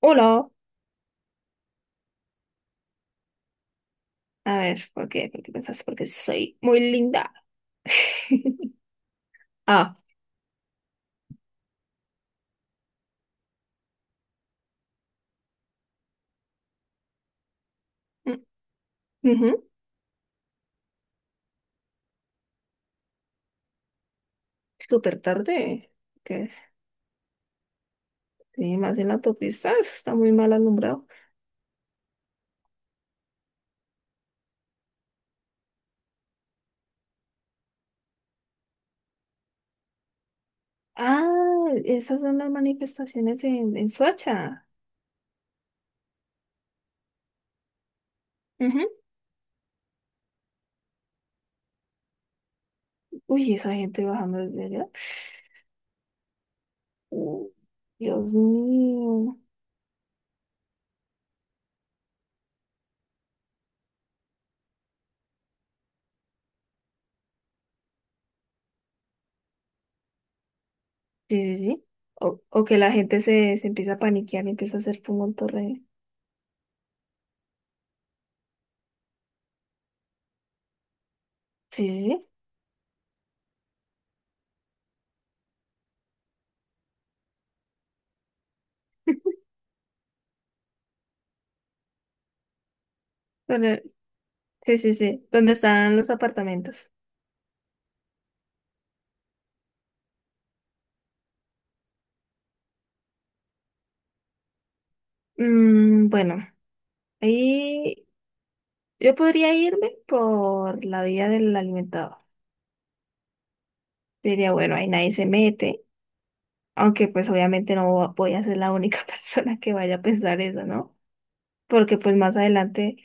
Hola. A ver, ¿por qué? ¿Por qué pensaste? Porque soy muy linda. Ah, mm, ujú. Súper tarde. ¿Qué? Sí, más en la autopista. Eso está muy mal alumbrado. Ah, esas son las manifestaciones en Soacha. Ujú. Uy, esa gente bajando desde allá. Uh, Dios mío. Sí, sí, sí. O que la gente se empieza a paniquear y empieza a hacer tumulto re. Sí, sí, sí. Donde- Sí, sí, sí. ¿Dónde están los apartamentos? Mm, bueno, ahí yo podría irme por la vía del alimentador. Yo diría, bueno, ahí nadie se mete, aunque pues obviamente no voy a ser la única persona que vaya a pensar eso, ¿no? Porque pues más adelante,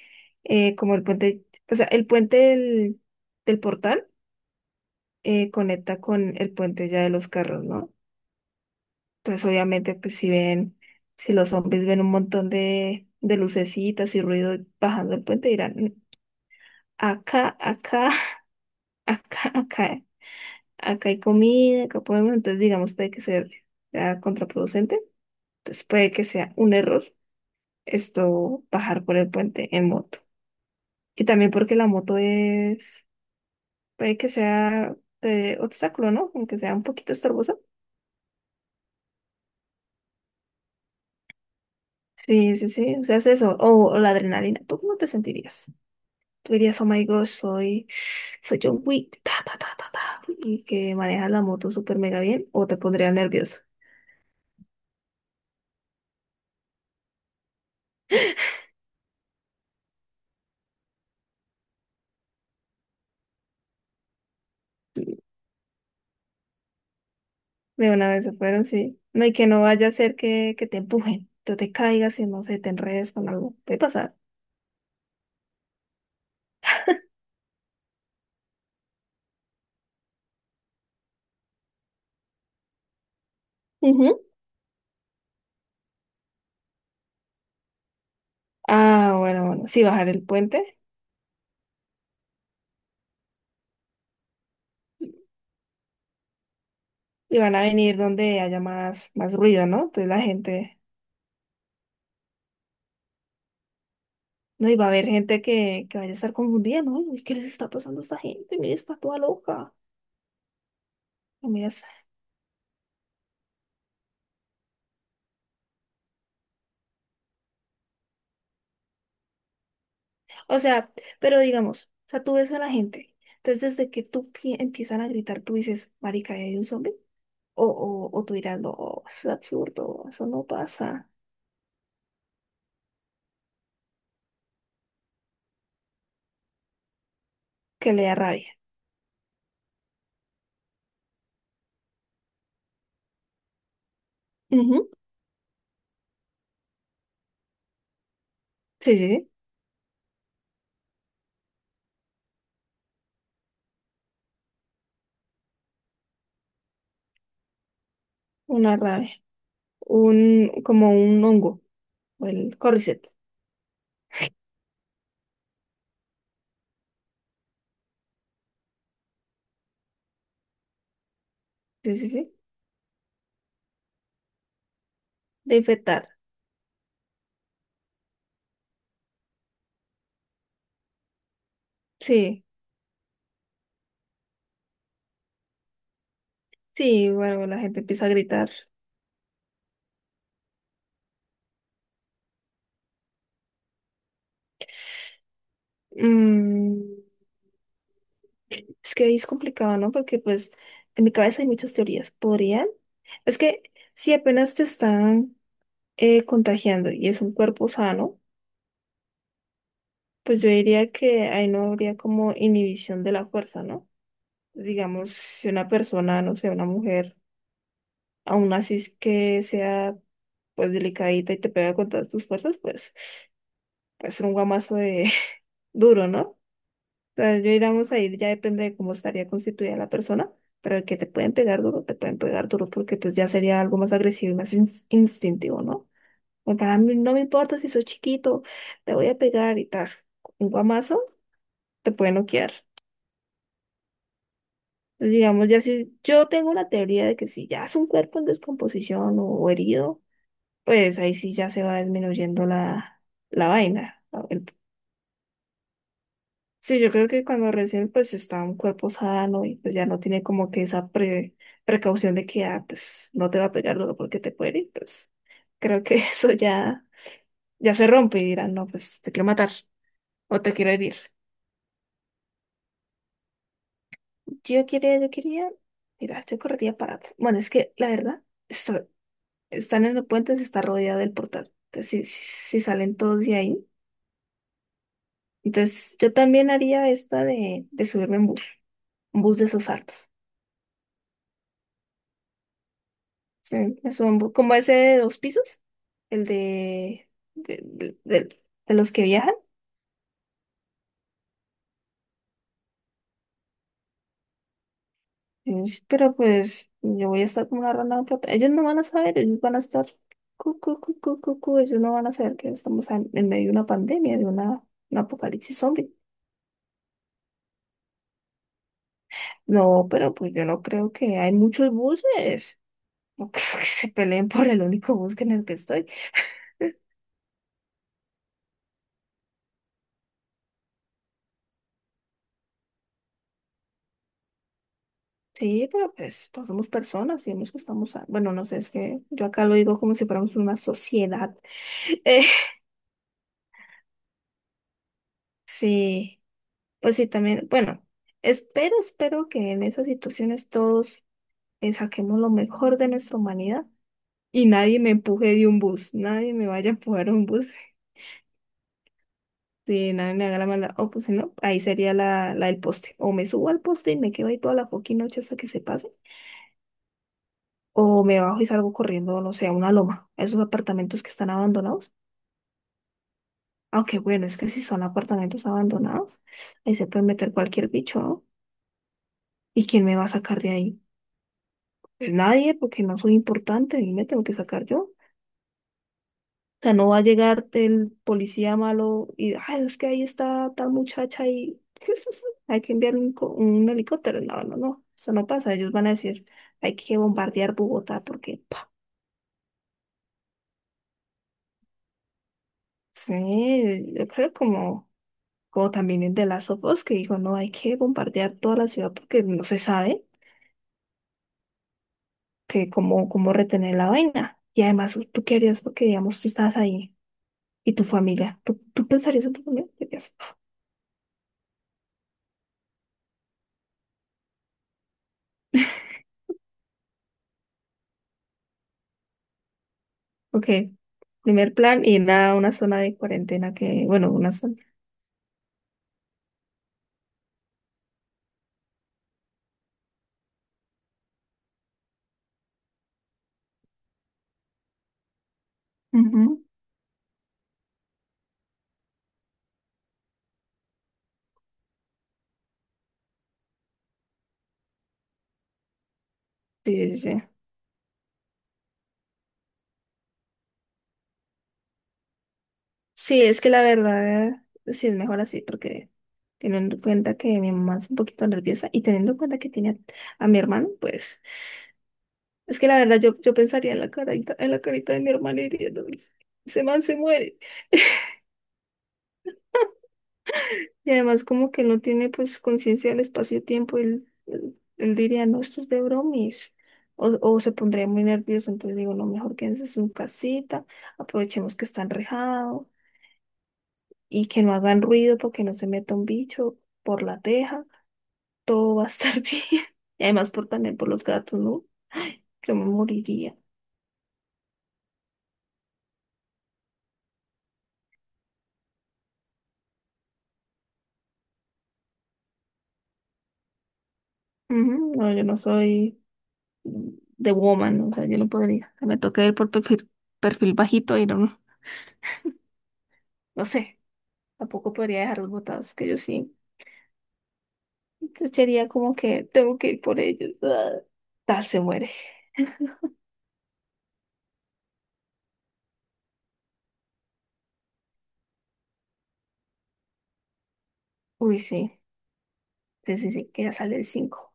como el puente, o sea, el puente del portal conecta con el puente ya de los carros, ¿no? Entonces obviamente pues si ven, si los zombies ven un montón de lucecitas y ruido bajando el puente, dirán, "Mm, acá, acá. Acá, acá, acá hay comida, acá podemos, entonces digamos, sea contraproducente, entonces puede que sea un error esto bajar por el puente en moto. Y también porque la moto es, puede que sea de obstáculo, ¿no? Aunque sea un poquito estorbosa. Sí, sí, sí, o sea, es eso, o la adrenalina, ¿tú cómo te sentirías? Tú dirías, oh my gosh, soy John Wick, ta, ta, ta, ta, ta, y que maneja la moto súper mega bien, o te pondría nervioso. De una vez se fueron, sí. No, y que no vaya a ser que te empujen, tú te caigas y no sé, te enredes con algo. Puede pasar. Ujú. Ah, bueno, bueno. Sí, bajar el puente y van a venir donde haya más, más ruido, ¿no? Entonces la gente, no, y va a haber gente que vaya a estar confundida, ¿no? Uy, ¿qué les está pasando a esta gente? Mira, está toda loca. No, mira, es- O sea, pero digamos, o sea, tú ves a la gente. Entonces, desde que empiezan a gritar, tú dices, marica, ¿ahí hay un zombie? O tú dirás, no, eso es absurdo, eso no pasa. Que le da rabia. Ujú. Sí, sí, sí, una rabia. Un, como un hongo, o el cordyceps. Sí, sí, sí. De infectar. Sí, sí, bueno, la gente empieza a gritar. Mm, es que ahí es complicado, ¿no? Porque pues en mi cabeza hay muchas teorías. ¿Podrían? Es que si apenas te están contagiando y es un cuerpo sano, pues yo diría que ahí no habría como inhibición de la fuerza, ¿no? Digamos, si una persona, no sé, una mujer, aún así es que sea pues delicadita y te pega con todas tus fuerzas, pues puede ser un guamazo de duro, ¿no? O sea, yo digamos ahí ya depende de cómo estaría constituida la persona, pero el que te pueden pegar duro, te pueden pegar duro porque pues ya sería algo más agresivo y más instintivo, ¿no? Porque a mí no me importa si sos chiquito, te voy a pegar y tal. Un guamazo te puede noquear. Digamos, ya si yo tengo una teoría de que si ya es un cuerpo en descomposición o, herido, pues ahí sí ya se va disminuyendo la vaina. ¿No? Sí, yo creo que cuando recién pues está un cuerpo sano y pues ya no tiene como que esa precaución de que ah, pues no te va a pegar luego porque te puede herir, pues creo que eso ya, ya se rompe y dirán, no, pues te quiero matar o te quiero herir. Yo quería, mira, yo correría para atrás. Bueno, es que la verdad. esto- Están en el puente, se está rodeado del portal. Entonces, si, si, si salen todos de ahí. Entonces, yo también haría esta de subirme en bus, un bus de esos altos. Sí, es un como ese de dos pisos, el de, de, de- de los que viajan. Pero pues yo voy a estar como una rana en plata. Ellos no van a saber, ellos van a estar... Cu, cu, cu, cu, cu, cu. Ellos no van a saber que estamos en medio de una pandemia, de una, un apocalipsis zombie. No, pero pues yo no creo que hay muchos buses. No creo que se peleen por el único bus en el que estoy. Sí, pero pues todos somos personas y hemos que estamos, bueno, no sé, es que yo acá lo digo como si fuéramos una sociedad. Eh, sí, pues sí, también, bueno, espero que en esas situaciones todos saquemos lo mejor de nuestra humanidad y nadie me empuje de un bus, nadie me vaya a empujar un bus. Si nadie me haga la mala, o pues si no, ahí sería la del poste. O me subo al poste y me quedo ahí toda la fucking noche hasta que se pase. O me bajo y salgo corriendo, no sé, a una loma, a esos apartamentos que están abandonados. Aunque bueno, es que si son apartamentos abandonados, ahí se puede meter cualquier bicho, ¿no? ¿Y quién me va a sacar de ahí? Pues nadie, porque no soy importante y me tengo que sacar yo. O sea, no va a llegar el policía malo y, ay, es que ahí está tal muchacha y hay que enviar un helicóptero. No, no, no, eso no pasa. Ellos van a decir, hay que bombardear Bogotá porque, pa, sí, yo creo como... como también el de Last of Us, que dijo, no, hay que bombardear toda la ciudad porque no se sabe que cómo, cómo retener la vaina. Y además, ¿tú qué harías? Porque, digamos, tú estás ahí y tu familia. ¿Tú, tú pensarías en tu familia? ¿Qué harías? Ok, primer plan, ir a una zona de cuarentena que, bueno, una zona. Ujú. Sí, sí, sí. Sí, es que la verdad, sí es mejor así, porque teniendo en cuenta que mi mamá es un poquito nerviosa y teniendo en cuenta que tiene a mi hermano, pues... Es que la verdad yo pensaría en la carita de mi hermana y diría, "No, ese man se muere. Y además como que no tiene pues conciencia del espacio-tiempo, él diría, no, esto es de bromis. O se pondría muy nervioso, entonces digo, no, mejor quédense en su casita, aprovechemos que está enrejado y que no hagan ruido porque no se meta un bicho por la teja, todo va a estar bien. Y además por, también por los gatos, ¿no? Yo me moriría. Ujú. No, yo no soy de woman, o sea, yo no podría. Me toca ir por perfil, perfil bajito y no, no sé, tampoco podría dejar los botados, que yo sí, yo sería como que tengo que ir por ellos. Ah, tal se muere. Uy, sí, sí, sí, sí, que ya sale el 5.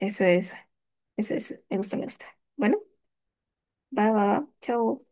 Eso es, eso es, me gusta, me gusta. Bueno, va, va, va, chao.